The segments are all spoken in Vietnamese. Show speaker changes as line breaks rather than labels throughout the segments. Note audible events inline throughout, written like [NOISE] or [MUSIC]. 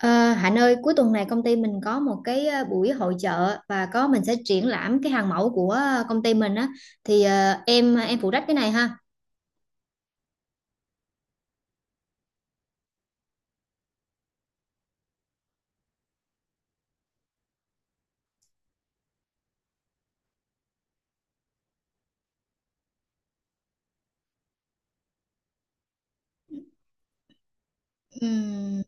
Ờ, Hạnh ơi, cuối tuần này công ty mình có một cái buổi hội chợ và có mình sẽ triển lãm cái hàng mẫu của công ty mình á thì em phụ trách cái này ha. Ừm,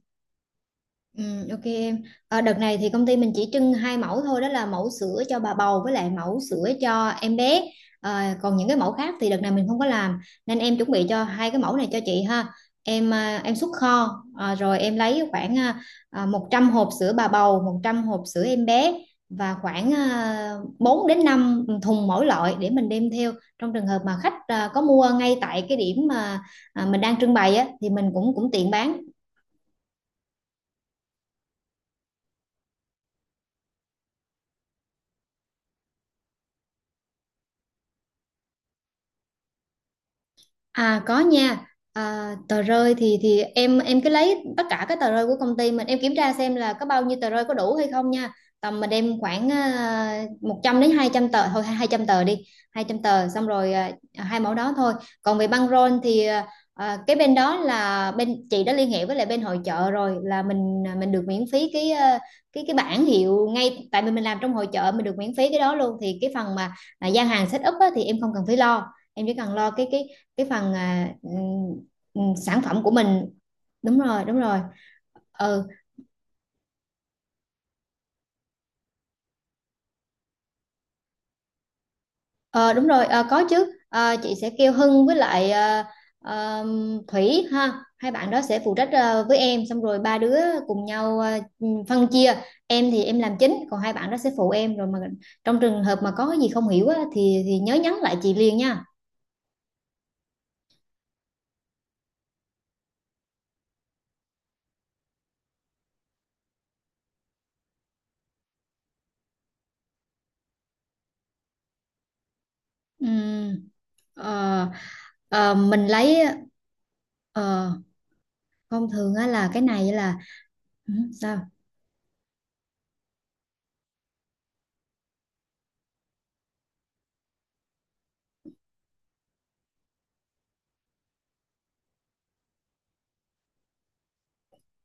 ok em. Đợt này thì công ty mình chỉ trưng hai mẫu thôi, đó là mẫu sữa cho bà bầu với lại mẫu sữa cho em bé. Còn những cái mẫu khác thì đợt này mình không có làm, nên em chuẩn bị cho hai cái mẫu này cho chị ha. Em xuất kho, rồi em lấy khoảng 100 hộp sữa bà bầu, 100 hộp sữa em bé và khoảng 4 đến 5 thùng mỗi loại để mình đem theo, trong trường hợp mà khách có mua ngay tại cái điểm mà mình đang trưng bày á, thì mình cũng cũng tiện bán. À có nha. À, tờ rơi thì em cứ lấy tất cả các tờ rơi của công ty mình, em kiểm tra xem là có bao nhiêu tờ rơi, có đủ hay không nha. Tầm mình đem khoảng 100 đến 200 tờ thôi, 200 tờ đi. Hai trăm tờ xong rồi, hai mẫu đó thôi. Còn về băng rôn thì cái bên đó là bên chị đã liên hệ với lại bên hội chợ rồi, là mình được miễn phí cái, cái bảng hiệu, ngay tại vì mình làm trong hội chợ mình được miễn phí cái đó luôn. Thì cái phần mà gian hàng set up á, thì em không cần phải lo, em chỉ cần lo cái phần, ừ, sản phẩm của mình. Đúng rồi, đúng rồi. Ừ. ờ, Đúng rồi, có chứ. Ờ, chị sẽ kêu Hưng với lại ờ, Thủy ha, hai bạn đó sẽ phụ trách với em, xong rồi ba đứa cùng nhau phân chia. Em thì em làm chính, còn hai bạn đó sẽ phụ em rồi mà. Trong trường hợp mà có cái gì không hiểu á, thì nhớ nhắn lại chị liền nha. Ừm, ờ, mình lấy ờ, thông thường á là cái này là ừ, sao.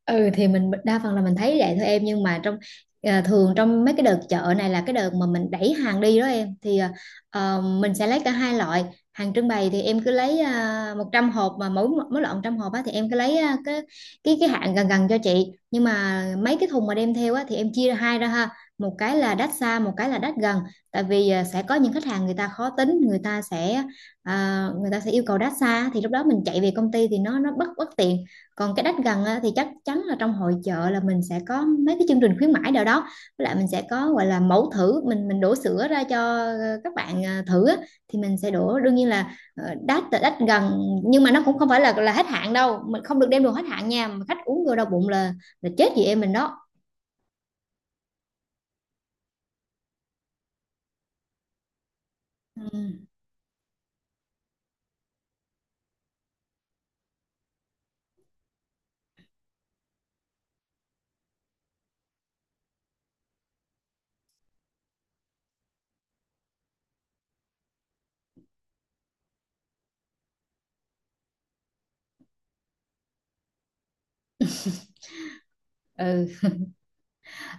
Ừ thì mình đa phần là mình thấy vậy thôi em, nhưng mà trong thường trong mấy cái đợt chợ này là cái đợt mà mình đẩy hàng đi đó em, thì mình sẽ lấy cả hai loại. Hàng trưng bày thì em cứ lấy 100 hộp, mà mỗi mỗi loại 100 hộp á, thì em cứ lấy cái hạn gần gần cho chị. Nhưng mà mấy cái thùng mà đem theo á, thì em chia ra hai ra ha, một cái là đắt xa, một cái là đắt gần. Tại vì sẽ có những khách hàng, người ta khó tính, người ta sẽ yêu cầu đắt xa, thì lúc đó mình chạy về công ty thì nó bất bất tiện. Còn cái đắt gần á, thì chắc chắn là trong hội chợ là mình sẽ có mấy cái chương trình khuyến mãi nào đó, với lại mình sẽ có gọi là mẫu thử, mình đổ sữa ra cho các bạn thử á. Thì mình sẽ đổ, đương nhiên là đắt là đắt gần, nhưng mà nó cũng không phải là hết hạn đâu, mình không được đem đồ hết hạn nha, mà khách uống vô đau bụng là chết chị em mình đó. Ừ. Ừ.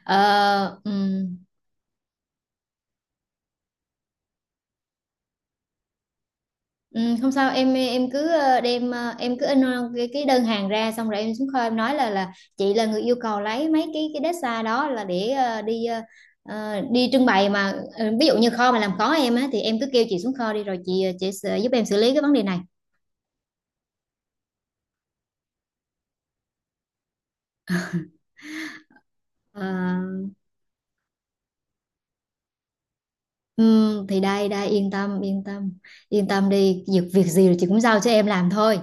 Ờ, ừ. Ừ, không sao, em cứ đem, em cứ in, cái đơn hàng ra, xong rồi em xuống kho em nói là chị là người yêu cầu lấy mấy cái deadline đó là để đi trưng bày mà. Ví dụ như kho mà làm khó em á, thì em cứ kêu chị xuống kho đi, rồi chị sẽ giúp em xử lý cái vấn đề này. Ờ, ừ, thì Đây đây, yên tâm yên tâm, yên tâm đi, việc việc gì rồi chị cũng giao cho em làm thôi.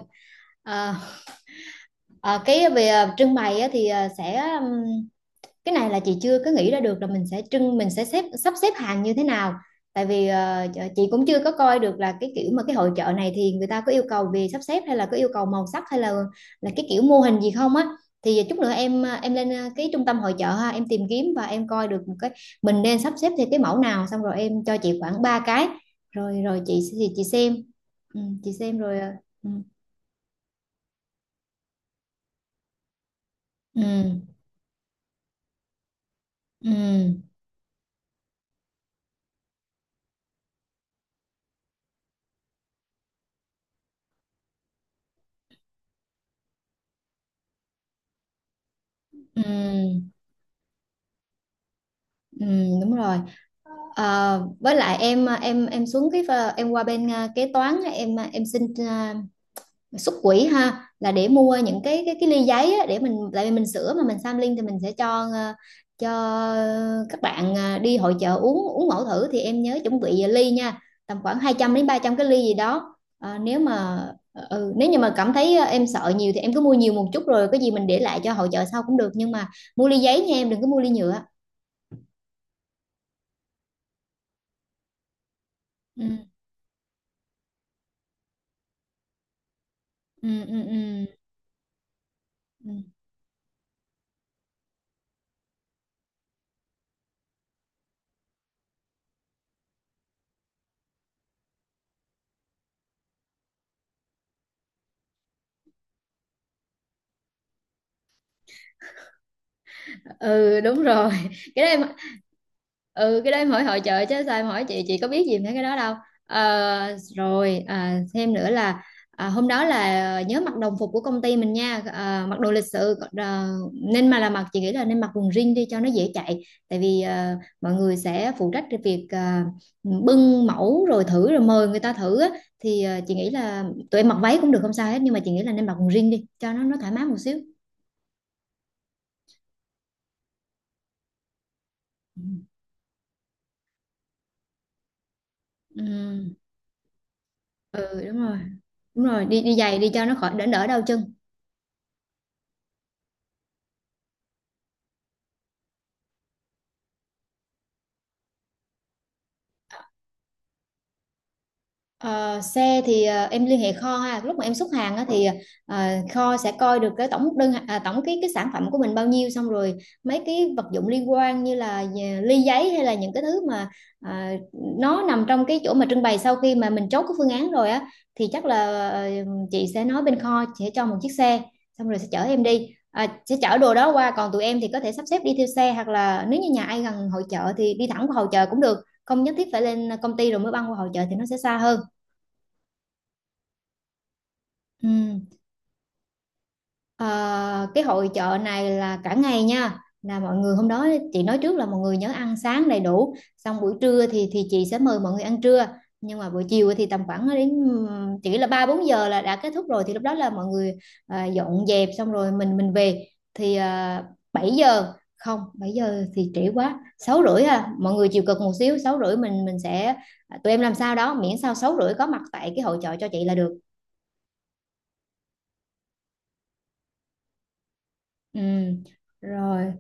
Ờ, ờ, cái về trưng bày á, thì ờ, sẽ cái này là chị chưa có nghĩ ra được là mình sẽ trưng, mình sẽ sắp xếp hàng như thế nào. Tại vì chị cũng chưa có coi được là cái kiểu mà cái hội chợ này thì người ta có yêu cầu về sắp xếp, hay là có yêu cầu màu sắc, hay là cái kiểu mô hình gì không á. Thì chút nữa em lên cái trung tâm hội chợ ha, em tìm kiếm và em coi được một cái mình nên sắp xếp theo cái mẫu nào, xong rồi em cho chị khoảng ba cái, rồi rồi chị thì chị xem. Ừ, chị xem rồi, ừ, ừ, ừ, ừ, ừ, ừ, đúng rồi. Với lại em xuống cái em qua bên kế toán á, em xin à, xuất quỹ ha, là để mua những cái ly giấy á, để mình, tại vì mình sửa mà mình sampling thì mình sẽ cho cho các bạn đi hội chợ uống uống mẫu thử, thì em nhớ chuẩn bị ly nha, tầm khoảng 200 đến 300 cái ly gì đó. Ờ, nếu mà Nếu như mà cảm thấy em sợ nhiều thì em cứ mua nhiều một chút, rồi cái gì mình để lại cho hội chợ sau cũng được, nhưng mà mua ly giấy nha, em đừng có mua ly nhựa. Ừ, ừ, ừ, ừ. Ừ. Ừ, đúng rồi. [LAUGHS] Cái đó em. Ừ, cái đó em hỏi hội chợ chứ sao em hỏi chị có biết gì về cái đó đâu. Rồi, thêm nữa là, hôm đó là nhớ mặc đồng phục của công ty mình nha, mặc đồ lịch sự, nên mà là chị nghĩ là nên mặc quần jean đi cho nó dễ chạy. Tại vì mọi người sẽ phụ trách cái việc bưng mẫu rồi thử rồi mời người ta thử á. Thì chị nghĩ là tụi em mặc váy cũng được, không sao hết, nhưng mà chị nghĩ là nên mặc quần jean đi cho nó thoải mái một xíu. Ừ, ừ đúng rồi, đúng rồi, đi đi giày đi cho nó khỏi đỡ đỡ đau chân. Ờ, Xe thì em liên hệ kho ha, lúc mà em xuất hàng á, thì ờ, kho sẽ coi được cái tổng đơn, tổng cái sản phẩm của mình bao nhiêu, xong rồi mấy cái vật dụng liên quan như là ly giấy hay là những cái thứ mà ờ, nó nằm trong cái chỗ mà trưng bày, sau khi mà mình chốt cái phương án rồi á, thì chắc là chị sẽ nói bên kho sẽ cho một chiếc xe, xong rồi sẽ chở em đi. À, sẽ chở đồ đó qua, còn tụi em thì có thể sắp xếp đi theo xe, hoặc là nếu như nhà ai gần hội chợ thì đi thẳng qua hội chợ cũng được, không nhất thiết phải lên công ty rồi mới băng qua hội chợ thì nó sẽ xa hơn. Ừ. Ờ, cái hội chợ này là cả ngày nha, là mọi người hôm đó chị nói trước là mọi người nhớ ăn sáng đầy đủ, xong buổi trưa thì chị sẽ mời mọi người ăn trưa. Nhưng mà buổi chiều thì tầm khoảng đến chỉ là ba bốn giờ là đã kết thúc rồi, thì lúc đó là mọi người dọn dẹp xong rồi mình về. Thì 7 giờ, không, 7 giờ thì trễ quá, 6:30, à mọi người chịu cực một xíu, 6:30 mình sẽ, tụi em làm sao đó miễn sao 6:30 có mặt tại cái hội chợ cho chị là được. Ừ rồi.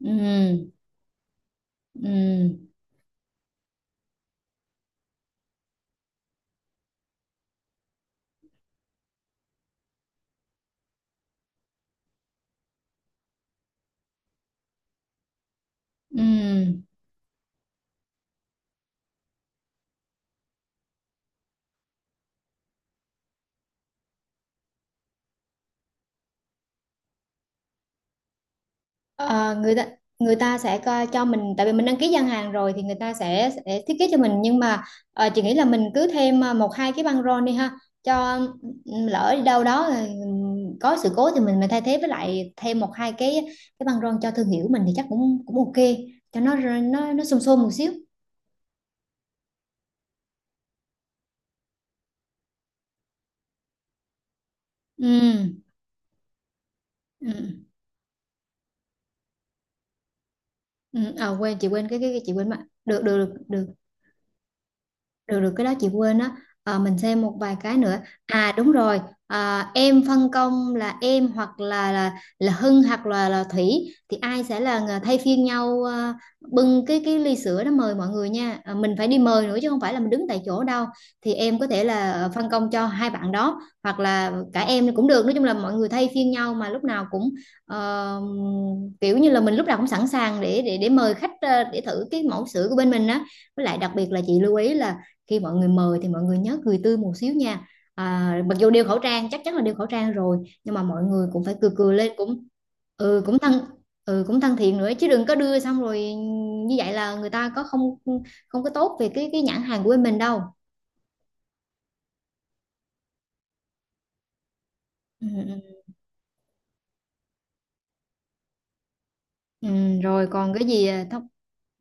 Ừ. Ừ, ừ. Ờ, người ta người ta sẽ coi cho mình, tại vì mình đăng ký gian hàng rồi thì người ta sẽ thiết kế cho mình, nhưng mà chị nghĩ là mình cứ thêm một hai cái băng rôn đi ha, cho lỡ đi đâu đó có sự cố thì mình thay thế, với lại thêm một hai cái băng rôn cho thương hiệu mình thì chắc cũng cũng ok, cho nó xôm xôm một xíu. Ừ, ừ, ừ. À, quên, chị quên cái, cái chị quên mà, được được được được, được được, cái đó chị quên á. Mình xem một vài cái nữa. À đúng rồi, à, em phân công là em hoặc là Hưng hoặc là Thủy, thì ai sẽ là người thay phiên nhau bưng cái ly sữa đó mời mọi người nha, mình phải đi mời nữa chứ không phải là mình đứng tại chỗ đâu. Thì em có thể là phân công cho hai bạn đó hoặc là cả em cũng được, nói chung là mọi người thay phiên nhau mà lúc nào cũng ờ, kiểu như là mình lúc nào cũng sẵn sàng để mời khách, để thử cái mẫu sữa của bên mình á. Với lại đặc biệt là chị lưu ý là, khi mọi người mời thì mọi người nhớ cười tươi một xíu nha. À, mặc dù đeo khẩu trang, chắc chắn là đeo khẩu trang rồi, nhưng mà mọi người cũng phải cười cười lên, cũng ừ cũng thân, ừ cũng thân thiện nữa chứ, đừng có đưa xong rồi như vậy là người ta có không không có tốt về cái nhãn hàng của bên mình đâu. Ừ, ừ, ừ, rồi còn cái gì thông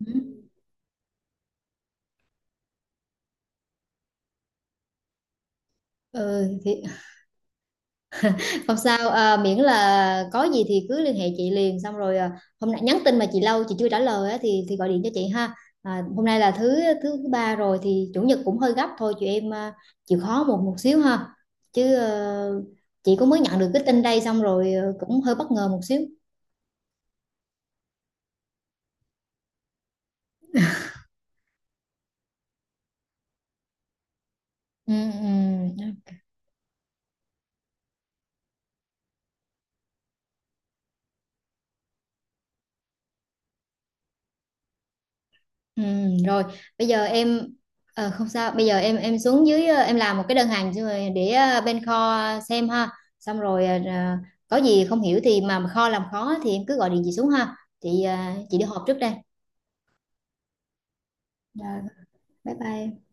ừ, ừ, thì. Không sao, miễn là có gì thì cứ liên hệ chị liền, xong rồi hôm nay nhắn tin mà chị lâu chị chưa trả lời á, thì gọi điện cho chị ha. À, hôm nay là thứ thứ ba rồi thì chủ nhật cũng hơi gấp thôi, chị em, chịu khó một một xíu ha. Chứ chị cũng mới nhận được cái tin đây, xong rồi cũng hơi bất ngờ một xíu. Ừ, ừ. Ừ, rồi bây giờ em, không sao, bây giờ em xuống dưới, em làm một cái đơn hàng xong rồi để bên kho xem ha, xong rồi, có gì không hiểu thì mà kho làm khó thì em cứ gọi điện chị xuống ha, chị đi họp trước đây, rồi bye bye em.